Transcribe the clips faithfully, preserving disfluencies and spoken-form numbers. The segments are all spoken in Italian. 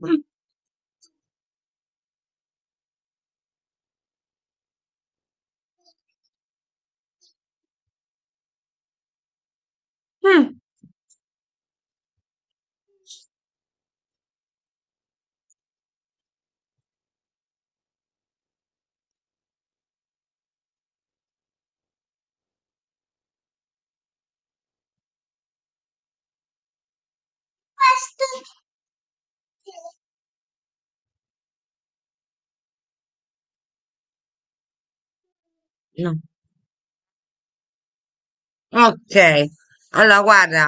Mm. Mm. No. Ok, allora guarda,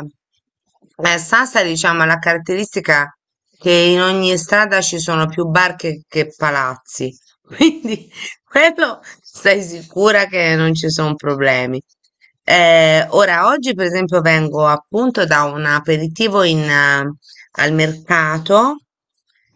eh, Sassa diciamo ha la caratteristica che in ogni strada ci sono più bar che, che palazzi, quindi quello stai sicura che non ci sono problemi. Eh, ora, oggi per esempio vengo appunto da un aperitivo in, eh, al mercato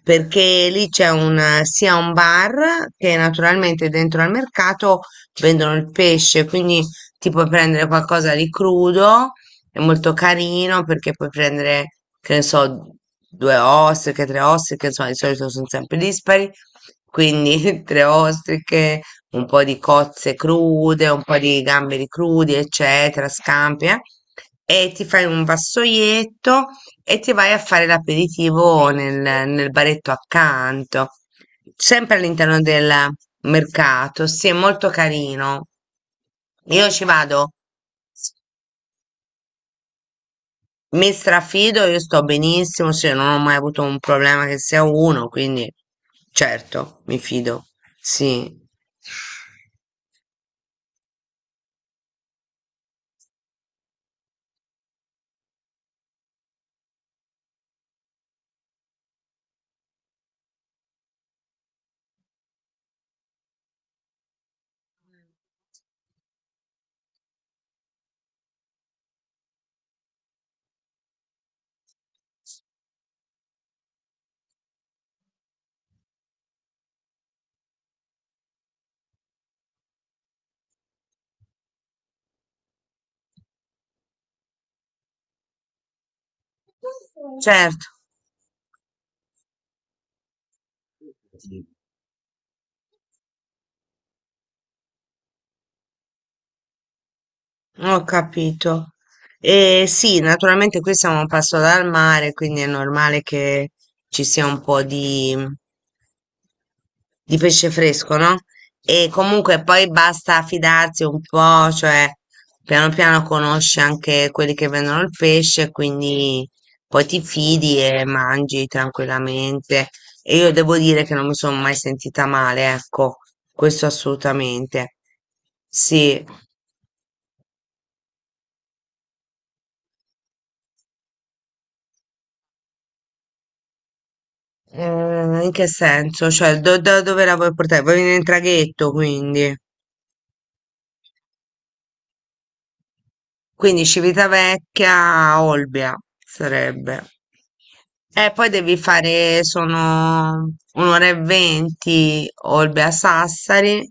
perché lì c'è un, eh, sia un bar che naturalmente dentro al mercato vendono il pesce, quindi ti puoi prendere qualcosa di crudo, è molto carino perché puoi prendere, che ne so, due ostriche, tre ostriche, insomma, di solito sono sempre dispari, quindi tre ostriche, un po' di cozze crude, un po' di gamberi crudi, eccetera, scampi. eh, E ti fai un vassoietto e ti vai a fare l'aperitivo nel, nel baretto accanto, sempre all'interno del mercato. Sì, è molto carino. Io ci vado, s- mi strafido, io sto benissimo, sì, non ho mai avuto un problema che sia uno, quindi certo, mi fido. Sì. certo. Ho capito. E sì, naturalmente qui siamo a un passo dal mare, quindi è normale che ci sia un po' di, di pesce fresco, no? E comunque poi basta fidarsi un po', cioè piano piano conosci anche quelli che vendono il pesce, quindi poi ti fidi e mangi tranquillamente. E io devo dire che non mi sono mai sentita male, ecco, questo assolutamente. Sì. Eh, in che senso? Cioè, do- da dove la vuoi portare? Vuoi venire in traghetto, quindi. Quindi Civitavecchia, Olbia sarebbe. E poi devi fare, sono un'ora e venti Olbia Sassari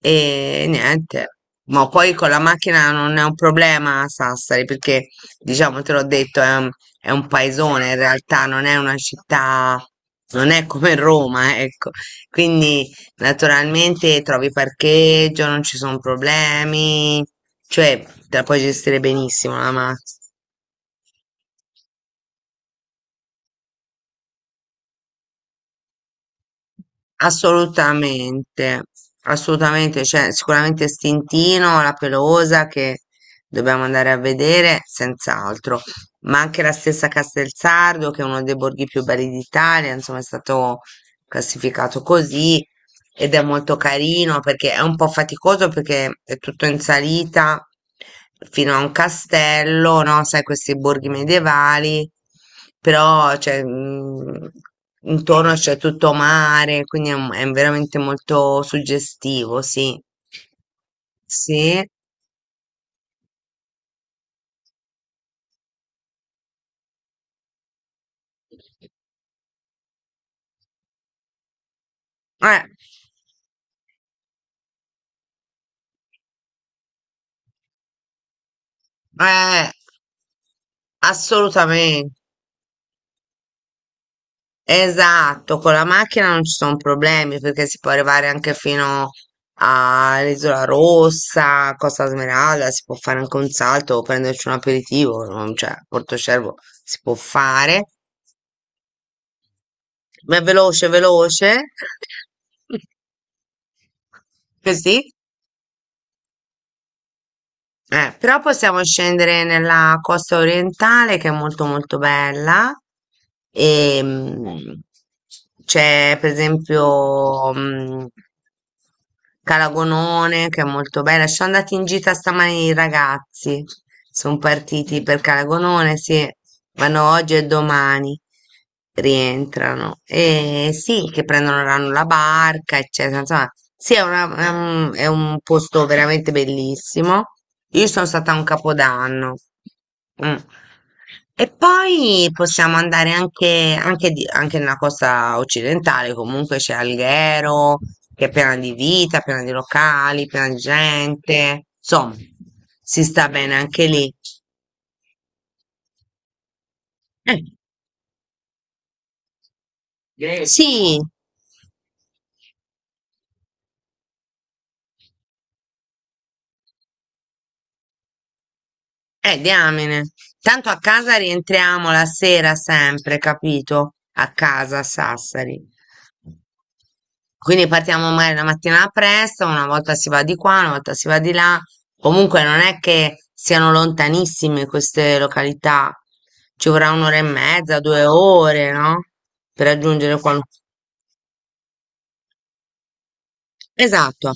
e niente. Ma poi con la macchina non è un problema a Sassari perché, diciamo, te l'ho detto, è un, è un paesone in realtà, non è una città, non è come Roma, ecco. Quindi naturalmente trovi parcheggio, non ci sono problemi, cioè te la puoi gestire benissimo la macchina. Assolutamente, assolutamente, cioè sicuramente Stintino, la Pelosa che dobbiamo andare a vedere, senz'altro, ma anche la stessa Castelsardo che è uno dei borghi più belli d'Italia, insomma è stato classificato così ed è molto carino perché è un po' faticoso perché è tutto in salita fino a un castello, no? Sai, questi borghi medievali, però cioè, mm, intorno c'è tutto mare, quindi è, un- è veramente molto suggestivo, sì. Sì, eh, eh, assolutamente. Esatto, con la macchina non ci sono problemi perché si può arrivare anche fino all'Isola Rossa, Costa Smeralda, si può fare anche un salto o prenderci un aperitivo, non- cioè Porto Cervo si può fare, ma è veloce, veloce. Così. Eh, però possiamo scendere nella costa orientale che è molto molto bella e mm, c'è per esempio mm, Calagonone che è molto bella. Ci sono andati in gita stamani i ragazzi, sono partiti per Calagonone, sì, vanno oggi e domani rientrano. E sì, che prendono la barca, eccetera. Insomma, sì, è, una- è un, è un posto veramente bellissimo. Io sono stata a un capodanno. Mm. E poi possiamo andare anche, anche, di- anche nella costa occidentale, comunque c'è Alghero, che è piena di vita, piena di locali, piena di gente. Insomma, si sta bene anche lì. Eh, sì. Eh, diamine. Tanto a casa rientriamo la sera sempre, capito? A casa a Sassari. Quindi partiamo magari la mattina presto, una volta si va di qua, una volta si va di là. Comunque non è che siano lontanissime queste località. Ci vorrà un'ora e mezza, due ore, no? Per raggiungere qualunque. Esatto,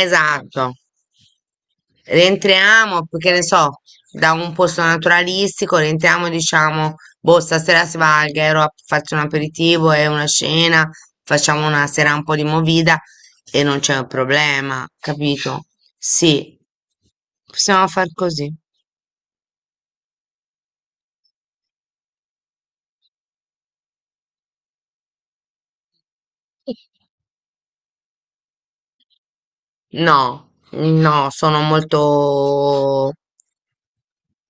esatto. Rientriamo, che ne so, da un posto naturalistico, rientriamo e diciamo, boh, stasera si va al Gairo a farci un aperitivo e una cena, facciamo una sera un po' di movida e non c'è un problema, capito? Sì, possiamo far così. No, no, sono molto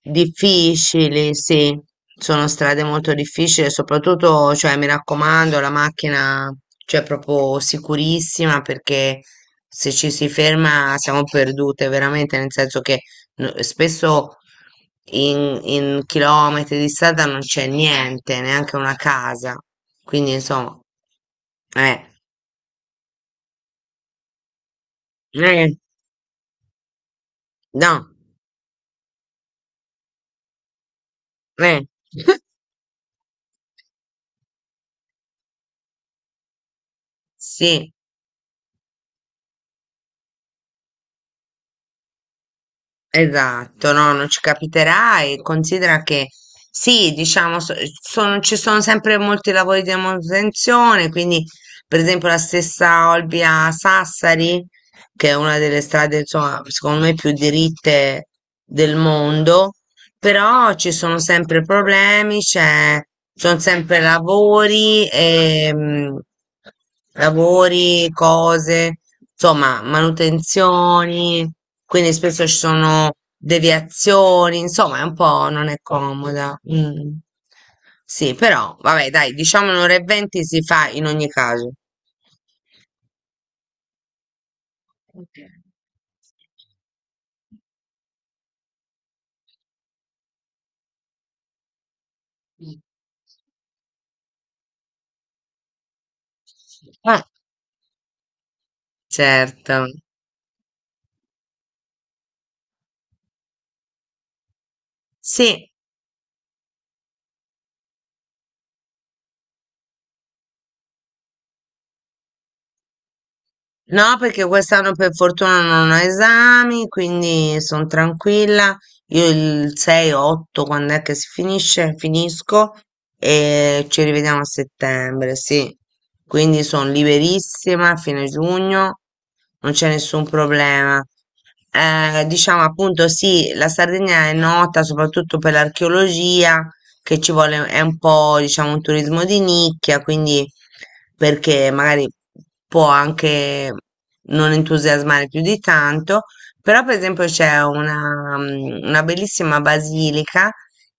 difficili, sì, sono strade molto difficili, soprattutto, cioè, mi raccomando, la macchina, cioè, proprio sicurissima perché se ci si ferma siamo perdute, veramente, nel senso che no- spesso in, in chilometri di strada non c'è niente, neanche una casa, quindi insomma, eh, eh, no, eh, sì. Esatto, no, non ci capiterà e considera che sì, diciamo, so- sono- ci sono sempre molti lavori di manutenzione, quindi per esempio la stessa Olbia Sassari, che è una delle strade, insomma, secondo me più diritte del mondo, però ci sono sempre problemi, c'è, sono sempre lavori, ehm, lavori, cose, insomma, manutenzioni, quindi spesso ci sono deviazioni, insomma, è un po' non è comoda. Mm. Sì, però, vabbè, dai, diciamo un'ora e venti si fa in ogni caso. Ok. Ah, certo. Sì. No, perché quest'anno per fortuna non ho esami, quindi sono tranquilla. Io il sei, otto, quando è che si finisce? Finisco e ci rivediamo a settembre, sì. Quindi sono liberissima a fine giugno, non c'è nessun problema. Eh, diciamo appunto sì, la Sardegna è nota soprattutto per l'archeologia, che ci vuole, è un po' diciamo un turismo di nicchia, quindi perché magari può anche non entusiasmare più di tanto, però per esempio c'è una, mm, una bellissima basilica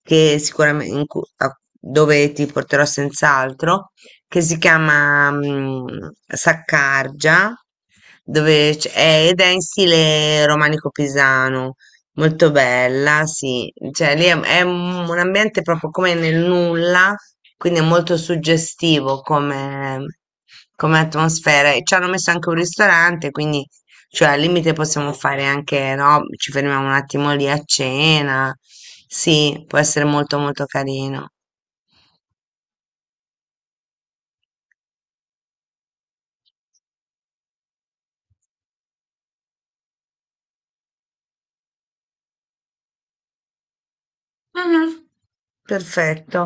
che sicuramente in cu- a- dove ti porterò senz'altro, che si chiama mm, Saccargia, dove c- è- ed è in stile romanico pisano. Molto bella, sì, cioè lì è, è un un ambiente proprio come nel nulla, quindi è molto suggestivo come, come atmosfera e ci hanno messo anche un ristorante, quindi cioè, al limite possiamo fare anche, no, ci fermiamo un attimo lì a cena. Sì, può essere molto molto carino. Mhm. Perfetto.